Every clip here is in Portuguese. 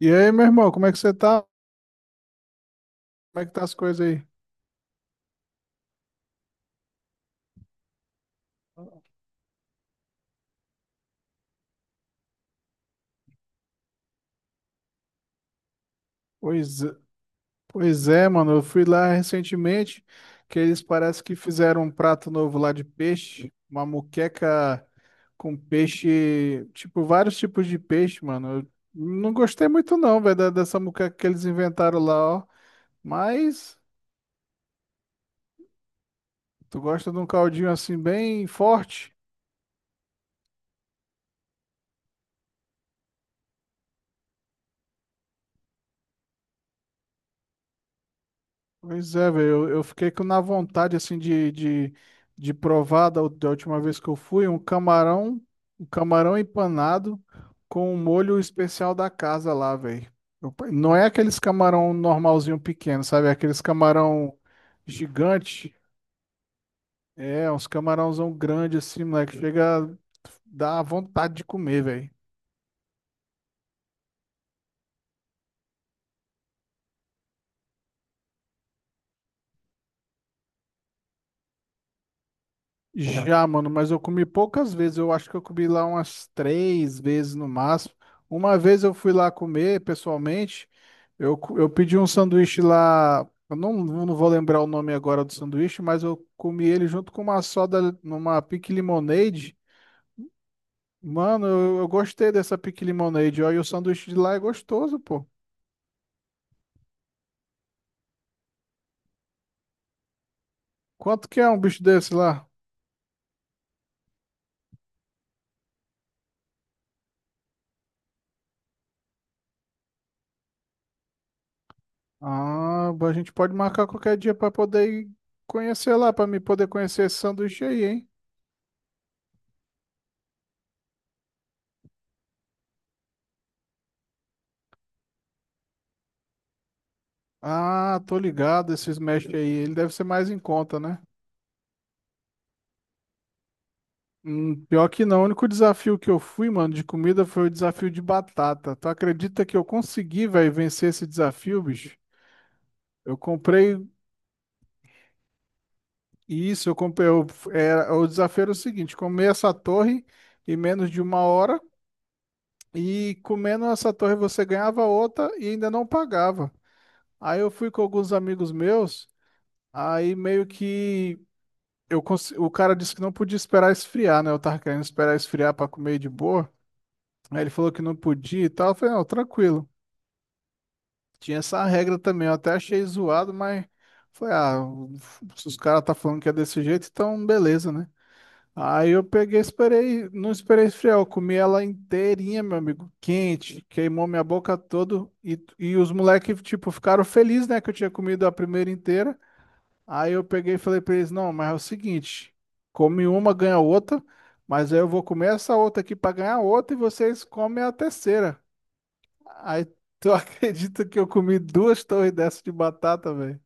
E aí, meu irmão, como é que você tá? Como é que tá as coisas aí? Pois, é- pois é, mano, eu fui lá recentemente, que eles parece que fizeram um prato novo lá de peixe, uma moqueca com peixe, tipo, vários tipos de peixe, mano. Eu não gostei muito não, velho, dessa moqueca que eles inventaram lá, ó. Mas, tu gosta de um caldinho assim bem forte? Pois é, velho, eu fiquei com na vontade, assim, de provar da última vez que eu fui, um camarão empanado com um molho especial da casa lá, velho. Não é aqueles camarão normalzinho pequeno, sabe? É aqueles camarão gigante. É, uns camarãozão grande, assim, moleque, chega a dar vontade de comer, velho. Já, mano, mas eu comi poucas vezes. Eu acho que eu comi lá umas três vezes no máximo. Uma vez eu fui lá comer pessoalmente. Eu pedi um sanduíche lá. Eu não vou lembrar o nome agora do sanduíche, mas eu comi ele junto com uma soda, numa pique lemonade. Mano, eu gostei dessa pique lemonade. Ó, e o sanduíche de lá é gostoso, pô. Quanto que é um bicho desse lá? Ah, a gente pode marcar qualquer dia pra poder ir conhecer lá, pra me poder conhecer esse sanduíche aí, hein? Ah, tô ligado, esse Smash aí. Ele deve ser mais em conta, né? Pior que não. O único desafio que eu fui, mano, de comida foi o desafio de batata. Tu acredita que eu consegui, velho, vencer esse desafio, bicho? Eu comprei isso, eu comprei. O desafio era o seguinte: comer essa torre em menos de uma hora. E comendo essa torre você ganhava outra e ainda não pagava. Aí eu fui com alguns amigos meus. Aí meio que, o cara disse que não podia esperar esfriar, né? Eu tava querendo esperar esfriar pra comer de boa. Aí ele falou que não podia e tal. Eu falei, não, tranquilo. Tinha essa regra também. Eu até achei zoado, mas foi, ah, se os caras tá falando que é desse jeito, então beleza, né? Aí eu peguei, esperei, não esperei esfriar, eu comi ela inteirinha, meu amigo, quente, queimou minha boca toda e os moleques, tipo, ficaram felizes, né, que eu tinha comido a primeira inteira. Aí eu peguei e falei pra eles, não, mas é o seguinte, come uma, ganha outra, mas aí eu vou comer essa outra aqui pra ganhar outra e vocês comem a terceira. Aí tu acredita que eu comi duas torres dessas de batata, velho?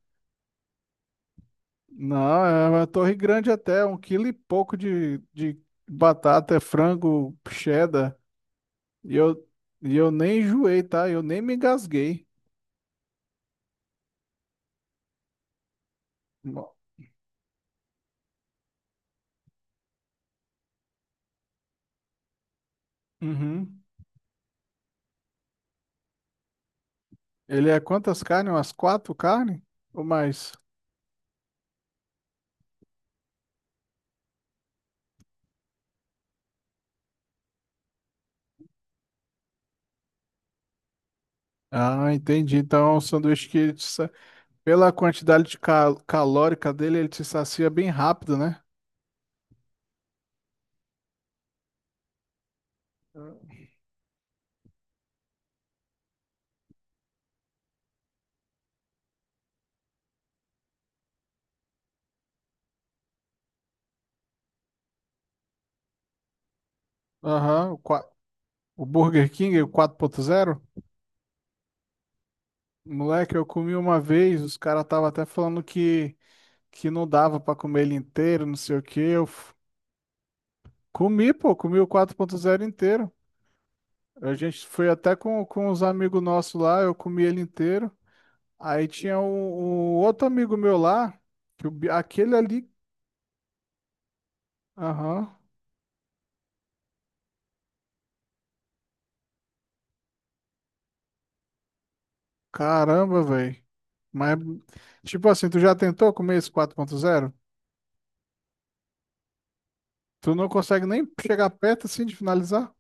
Não, é uma torre grande até, um quilo e pouco de batata, é frango, cheddar. E eu, e eu nem enjoei, tá? Eu nem me engasguei. Uhum. Ele é quantas carnes? Umas quatro carnes? Ou mais? Ah, entendi. Então, é um sanduíche que, pela quantidade de calórica dele, ele te sacia bem rápido, né? Aham, o Burger King, o 4.0. Moleque, eu comi uma vez, os caras estavam até falando que, não dava pra comer ele inteiro, não sei o quê. Comi, pô, comi o 4.0 inteiro. A gente foi até com os amigos nossos lá, eu comi ele inteiro. Aí tinha um outro amigo meu lá, aquele ali. Aham. Caramba, velho. Mas, tipo assim, tu já tentou comer esse 4.0? Tu não consegue nem chegar perto assim de finalizar?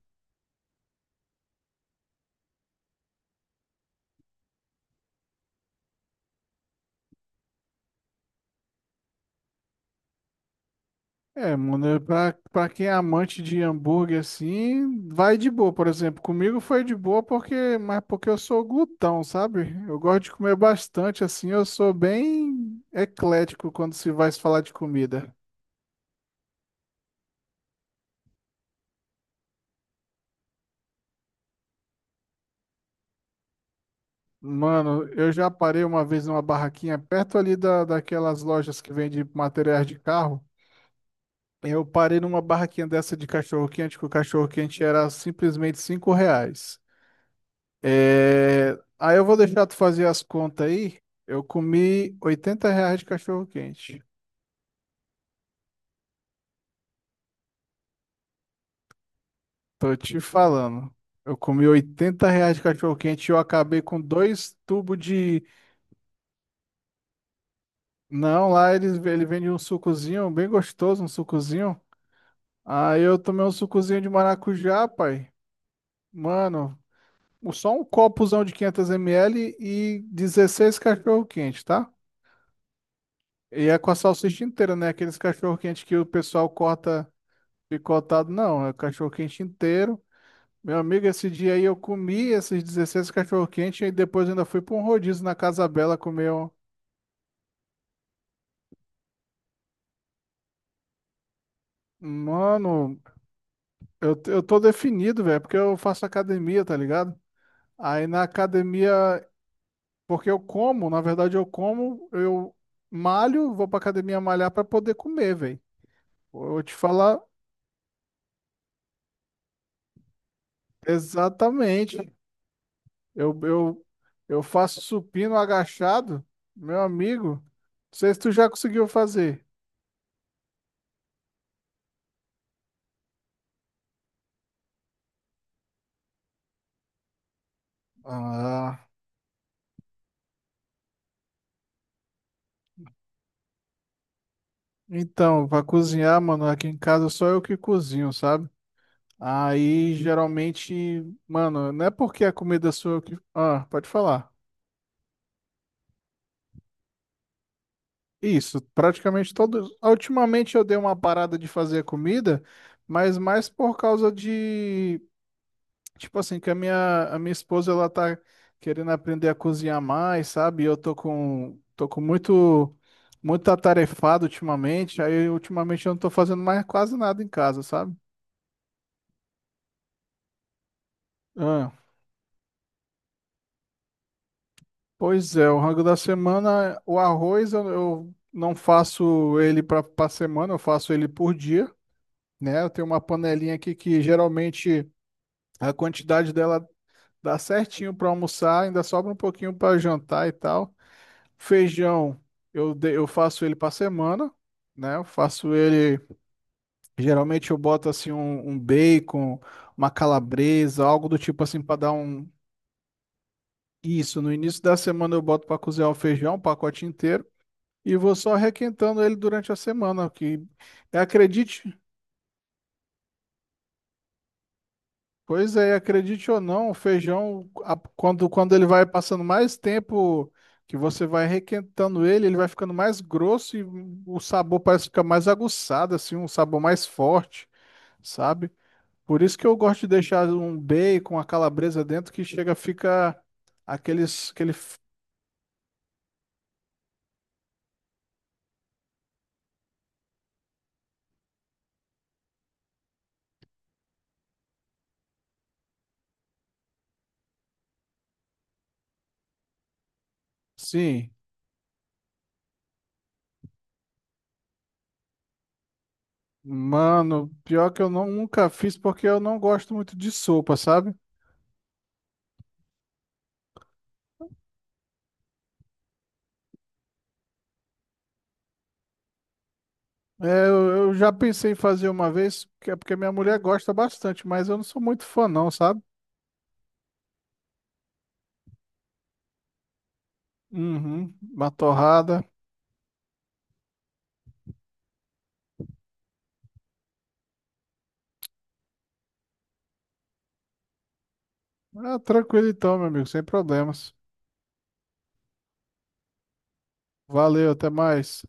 É, mano, é pra quem é amante de hambúrguer assim, vai de boa, por exemplo. Comigo foi de boa porque, mas porque eu sou glutão, sabe? Eu gosto de comer bastante assim, eu sou bem eclético quando se vai se falar de comida. Mano, eu já parei uma vez numa barraquinha perto ali daquelas lojas que vende materiais de carro. Eu parei numa barraquinha dessa de cachorro-quente, que o cachorro-quente era simplesmente R$ 5. É... Aí eu vou deixar tu fazer as contas aí. Eu comi R$ 80 de cachorro-quente. Tô te falando. Eu comi R$ 80 de cachorro-quente e eu acabei com dois tubos de... Não, lá ele vende um sucozinho bem gostoso, um sucozinho. Aí eu tomei um sucozinho de maracujá, pai. Mano, só um copozão de 500 ml e 16 cachorro-quente, tá? E é com a salsicha inteira, né? Aqueles cachorro-quente que o pessoal corta picotado, não. É cachorro-quente inteiro. Meu amigo, esse dia aí eu comi esses 16 cachorro-quente e depois ainda fui pra um rodízio na Casa Bela comer um. Mano, eu tô definido, velho, porque eu faço academia, tá ligado? Aí na academia Porque eu como, na verdade eu malho, vou pra academia malhar pra poder comer, velho. Eu vou te falar exatamente. Eu, eu, eu faço supino agachado, meu amigo. Não sei se tu já conseguiu fazer. Ah, então, pra cozinhar, mano, aqui em casa só eu que cozinho, sabe? Aí geralmente, mano, não é porque a comida sou eu que. Ah, pode falar. Isso, praticamente todos. Ultimamente eu dei uma parada de fazer comida, mas mais por causa de, tipo assim, que a minha esposa ela tá querendo aprender a cozinhar mais, sabe? E eu tô com, muito, muito atarefado ultimamente, aí ultimamente eu não tô fazendo mais quase nada em casa, sabe? Ah, pois é, o rango da semana, o arroz eu não faço ele para semana, eu faço ele por dia, né? Eu tenho uma panelinha aqui que geralmente a quantidade dela dá certinho para almoçar, ainda sobra um pouquinho para jantar e tal. Feijão, eu faço ele para semana, né? Eu faço ele, geralmente eu boto assim um bacon, uma calabresa, algo do tipo assim para dar um. Isso, no início da semana eu boto para cozinhar o feijão, um pacote inteiro, e vou só requentando ele durante a semana. Que acredite Pois é, acredite ou não, o feijão, quando ele vai passando mais tempo que você vai requentando ele, ele vai ficando mais grosso e o sabor parece ficar mais aguçado, assim, um sabor mais forte, sabe? Por isso que eu gosto de deixar um bacon, a calabresa dentro, que chega, fica aqueles, aquele, f- sim, mano, pior que eu não, nunca fiz porque eu não gosto muito de sopa, sabe? É, eu já pensei em fazer uma vez, que é porque minha mulher gosta bastante, mas eu não sou muito fã, não, sabe? Uhum, uma torrada. Ah, tranquilo então, meu amigo, sem problemas. Valeu, até mais.